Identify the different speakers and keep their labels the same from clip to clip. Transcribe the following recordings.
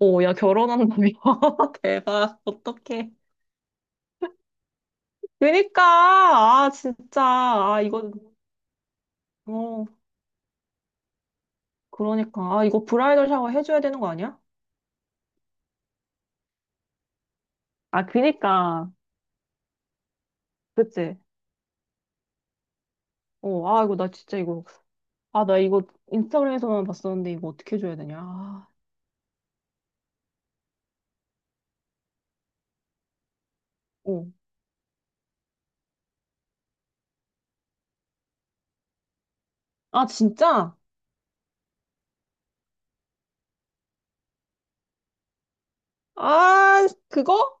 Speaker 1: 오, 야, 결혼한다며. 대박. 어떡해. 그니까, 진짜. 어, 그러니까. 아, 이거 브라이덜 샤워 해줘야 되는 거 아니야? 아, 그니까. 그치? 이거 나 진짜 이거. 아, 나 이거 인스타그램에서만 봤었는데 이거 어떻게 해줘야 되냐. 아, 어. 아, 진짜? 아, 그거?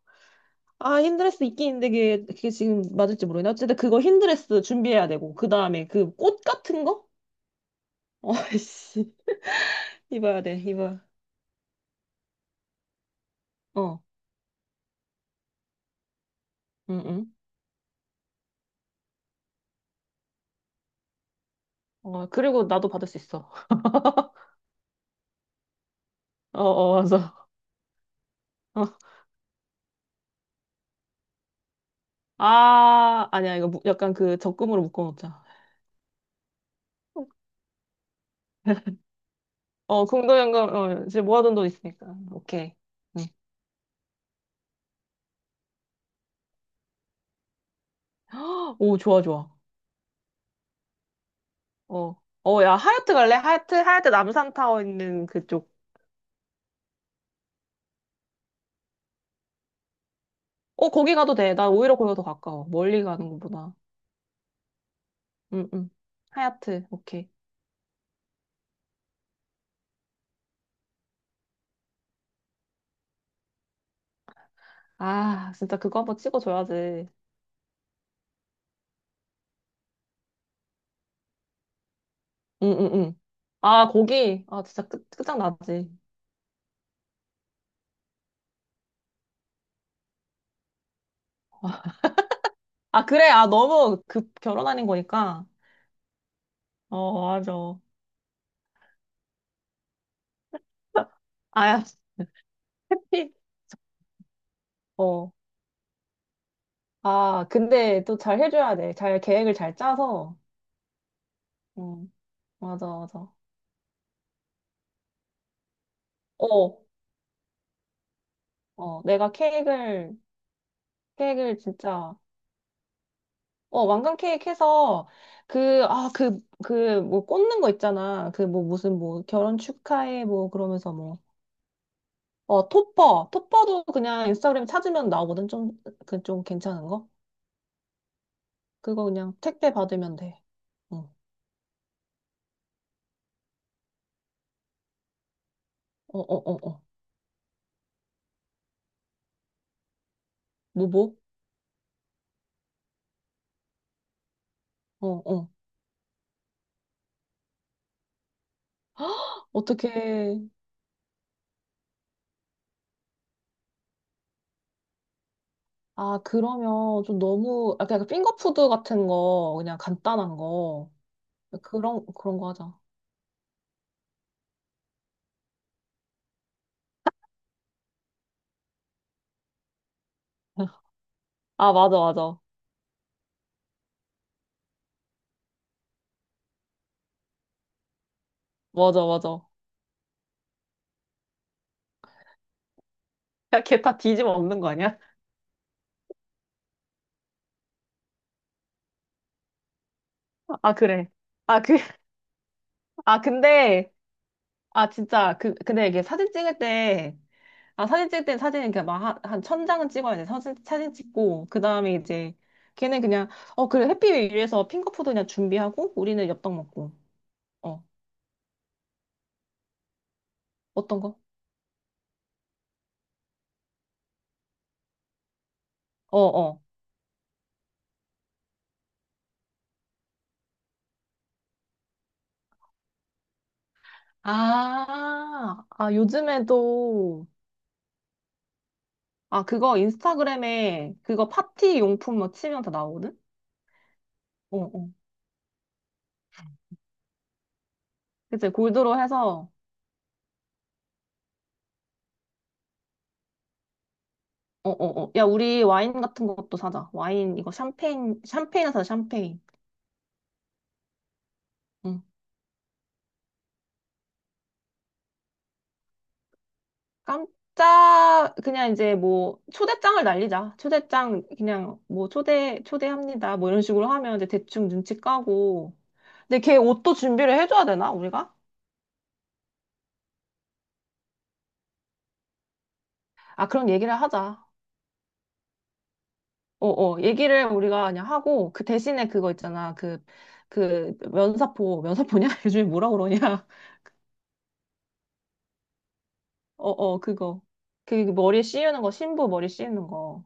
Speaker 1: 아, 흰드레스 있긴 있는데 그게 지금 맞을지 모르겠네. 어쨌든 그거 흰드레스 준비해야 되고. 그 다음에 그 꽃 같은 거? 어, 씨. 입어야 돼, 입어. 어, 응, 응. 어, 그리고 나도 받을 수 있어. 어, 어, 맞아. 어. 아, 아니야. 약간 그 적금으로 묶어놓자. 어, 공동연금, 어, 이제 모아둔 돈 있으니까. 오케이. 네. 오, 좋아, 좋아. 어. 어, 야, 하얏트 갈래? 하얏트 남산타워 있는 그쪽. 어, 거기 가도 돼. 나 오히려 거기가 더 가까워. 멀리 가는 것보다. 응, 응. 하얏트, 오케이. 아, 진짜 그거 한번 찍어줘야지. 응, 응, 응. 아, 거기. 아, 진짜 끝장나지. 아, 그래. 아, 너무 급 결혼하는 거니까. 어, 맞아. 아야, 해피. 어. 아, 근데 또 잘 해줘야 돼. 잘 계획을 잘 짜서. 응, 맞아, 맞아. 어, 어, 내가 케이크를 진짜, 어, 왕관 케이크 해서, 꽂는 거 있잖아. 결혼 축하해, 뭐, 그러면서 뭐. 어, 톱버. 톱버도 그냥 인스타그램 찾으면 나오거든. 좀, 그, 좀 괜찮은 거? 그거 그냥 택배 받으면 돼. 어, 어, 어, 어, 어. 뭐, 뭐? 어, 어. 어떻게, 아, 그러면 좀 너무, 약간 핑거푸드 같은 거, 그냥 간단한 거. 그런, 그런 거 하자. 아, 맞아, 맞아. 맞아, 맞아. 야, 걔 다 뒤집어 엎는 거 아니야? 아, 그래. 아, 그, 아, 근데, 아, 진짜, 그, 근데 이게 사진 찍을 때, 아, 사진 찍을 때 사진은 그냥 막 한 천 장은 찍어야 돼. 사진 찍고, 그 다음에 이제, 걔는 그냥, 어, 그래, 햇빛 위에서 핑거푸드 그냥 준비하고, 우리는 엽떡 먹고. 어, 어떤 거? 어, 어. 요즘에도, 아, 그거 인스타그램에 그거 파티 용품 뭐 치면 다 나오거든? 어, 어. 그치, 골드로 해서, 어, 어, 어. 야, 우리 와인 같은 것도 사자. 샴페인을 사자, 샴페인. 응. 깜짝, 그냥 이제 뭐, 초대장을 날리자. 초대장, 그냥 뭐, 초대, 초대합니다. 뭐 이런 식으로 하면 이제 대충 눈치 까고. 근데 걔 옷도 준비를 해줘야 되나, 우리가? 아, 그런 얘기를 하자. 어어 얘기를 우리가 그냥 하고 그 대신에 그거 있잖아 그 면사포냐 요즘에 뭐라 그러냐 어어 그거 그 머리에 씌우는 거 신부 머리 씌우는 거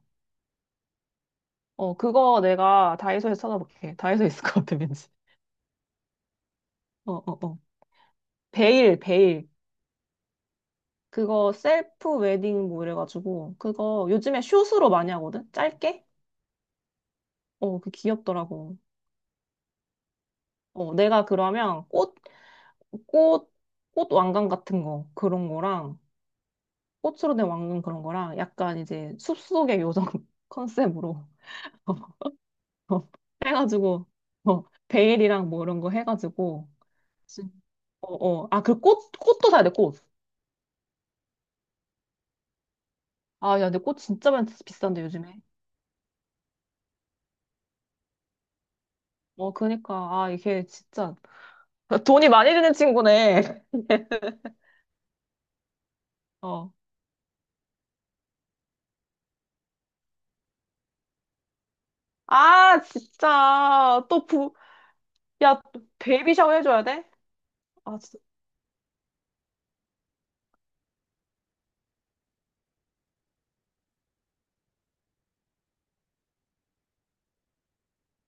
Speaker 1: 어 그거 내가 다이소에서 찾아볼게. 다이소에 있을 것 같아 왠지. 어어어 베일 베일. 그거 셀프 웨딩 뭐 이래가지고 그거 요즘에 숏으로 많이 하거든, 짧게. 어 그 귀엽더라고. 어 내가 그러면 꽃, 꽃, 꽃 왕관 같은 거 그런 거랑 꽃으로 된 왕관 그런 거랑 약간 이제 숲속의 요정 컨셉으로 해가지고 어, 베일이랑 뭐 이런 거 해가지고. 어어 아 그 꽃 꽃도 사야 돼 꽃. 아 야 근데 꽃 진짜 많이 비싼데 요즘에. 어 그니까 아 이게 진짜 돈이 많이 드는 친구네. 어. 아 진짜 또 부 야 베이비 샤워 해줘야 돼? 아 진짜.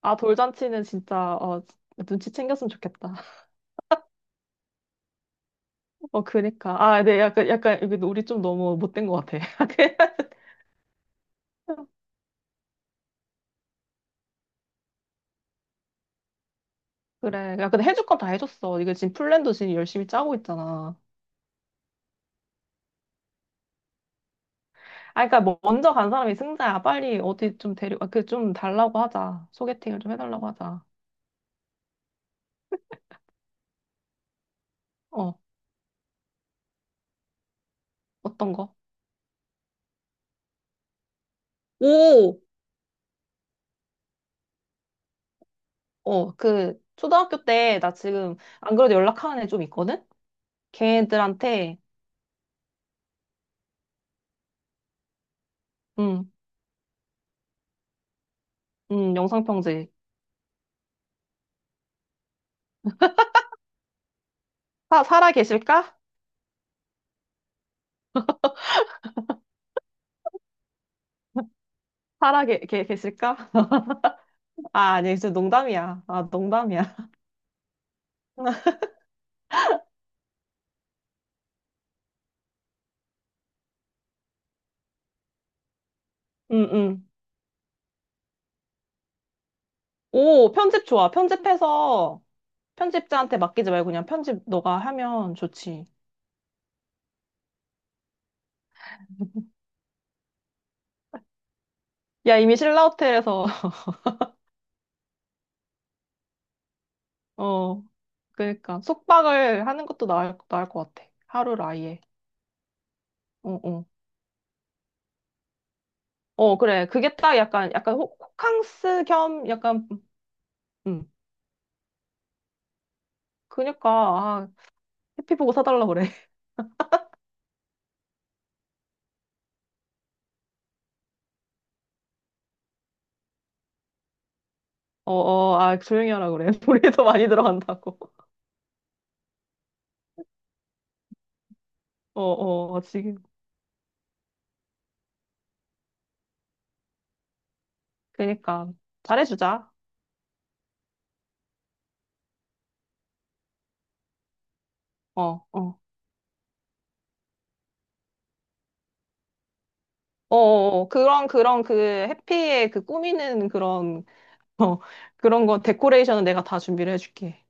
Speaker 1: 아 돌잔치는 진짜 어 눈치 챙겼으면 좋겠다. 어, 그니까. 아, 네, 약간, 이게 우리 좀 너무 못된 것 같아. 그래. 야, 근데 해줄 건 다 해줬어. 이거 지금 플랜도 지금 열심히 짜고 있잖아. 아, 그니까, 먼저 간 사람이 승자야. 빨리 어디 좀 데리고, 아, 그 좀 달라고 하자. 소개팅을 좀 해달라고 하자. 어, 어떤 거? 오! 어, 그, 초등학교 때, 나 지금, 안 그래도 연락하는 애 좀 있거든? 걔들한테, 음, 영상편지. 살아 계실까? 계실까? 아, 아니, 진짜 농담이야. 아, 농담이야. 응, 응. 오, 편집 좋아. 편집해서 편집자한테 맡기지 말고 그냥 편집 너가 하면 좋지. 야, 이미 신라호텔에서, 어, 그러니까 숙박을 하는 것도 나을 것 같아. 하루를 아예. 어, 어. 어, 그래. 그게 딱 약간, 약간 호캉스 겸 약간, 음. 그니까, 아, 해피 보고 사달라 그래. 어, 어, 아, 조용히 하라 그래. 우리도 많이 들어간다고. 어, 어, 지금. 그니까. 잘해주자. 어, 어. 어, 어, 어. 그런, 그런 그 해피의 그 꾸미는 그런, 어, 그런 거, 데코레이션은 내가 다 준비를 해줄게.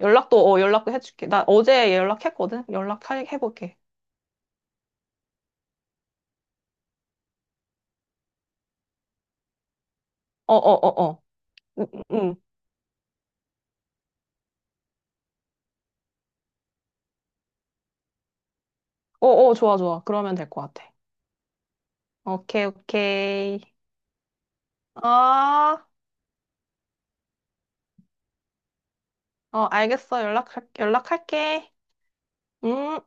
Speaker 1: 연락도, 어, 연락도 해줄게. 나 어제 연락했거든? 연락해볼게. 어, 어, 어, 어. 응, 응. 응. 어, 어, 좋아, 좋아. 그러면 될 것 같아. 오케이, 오케이. 어, 어, 알겠어. 연락, 연락할게. 음.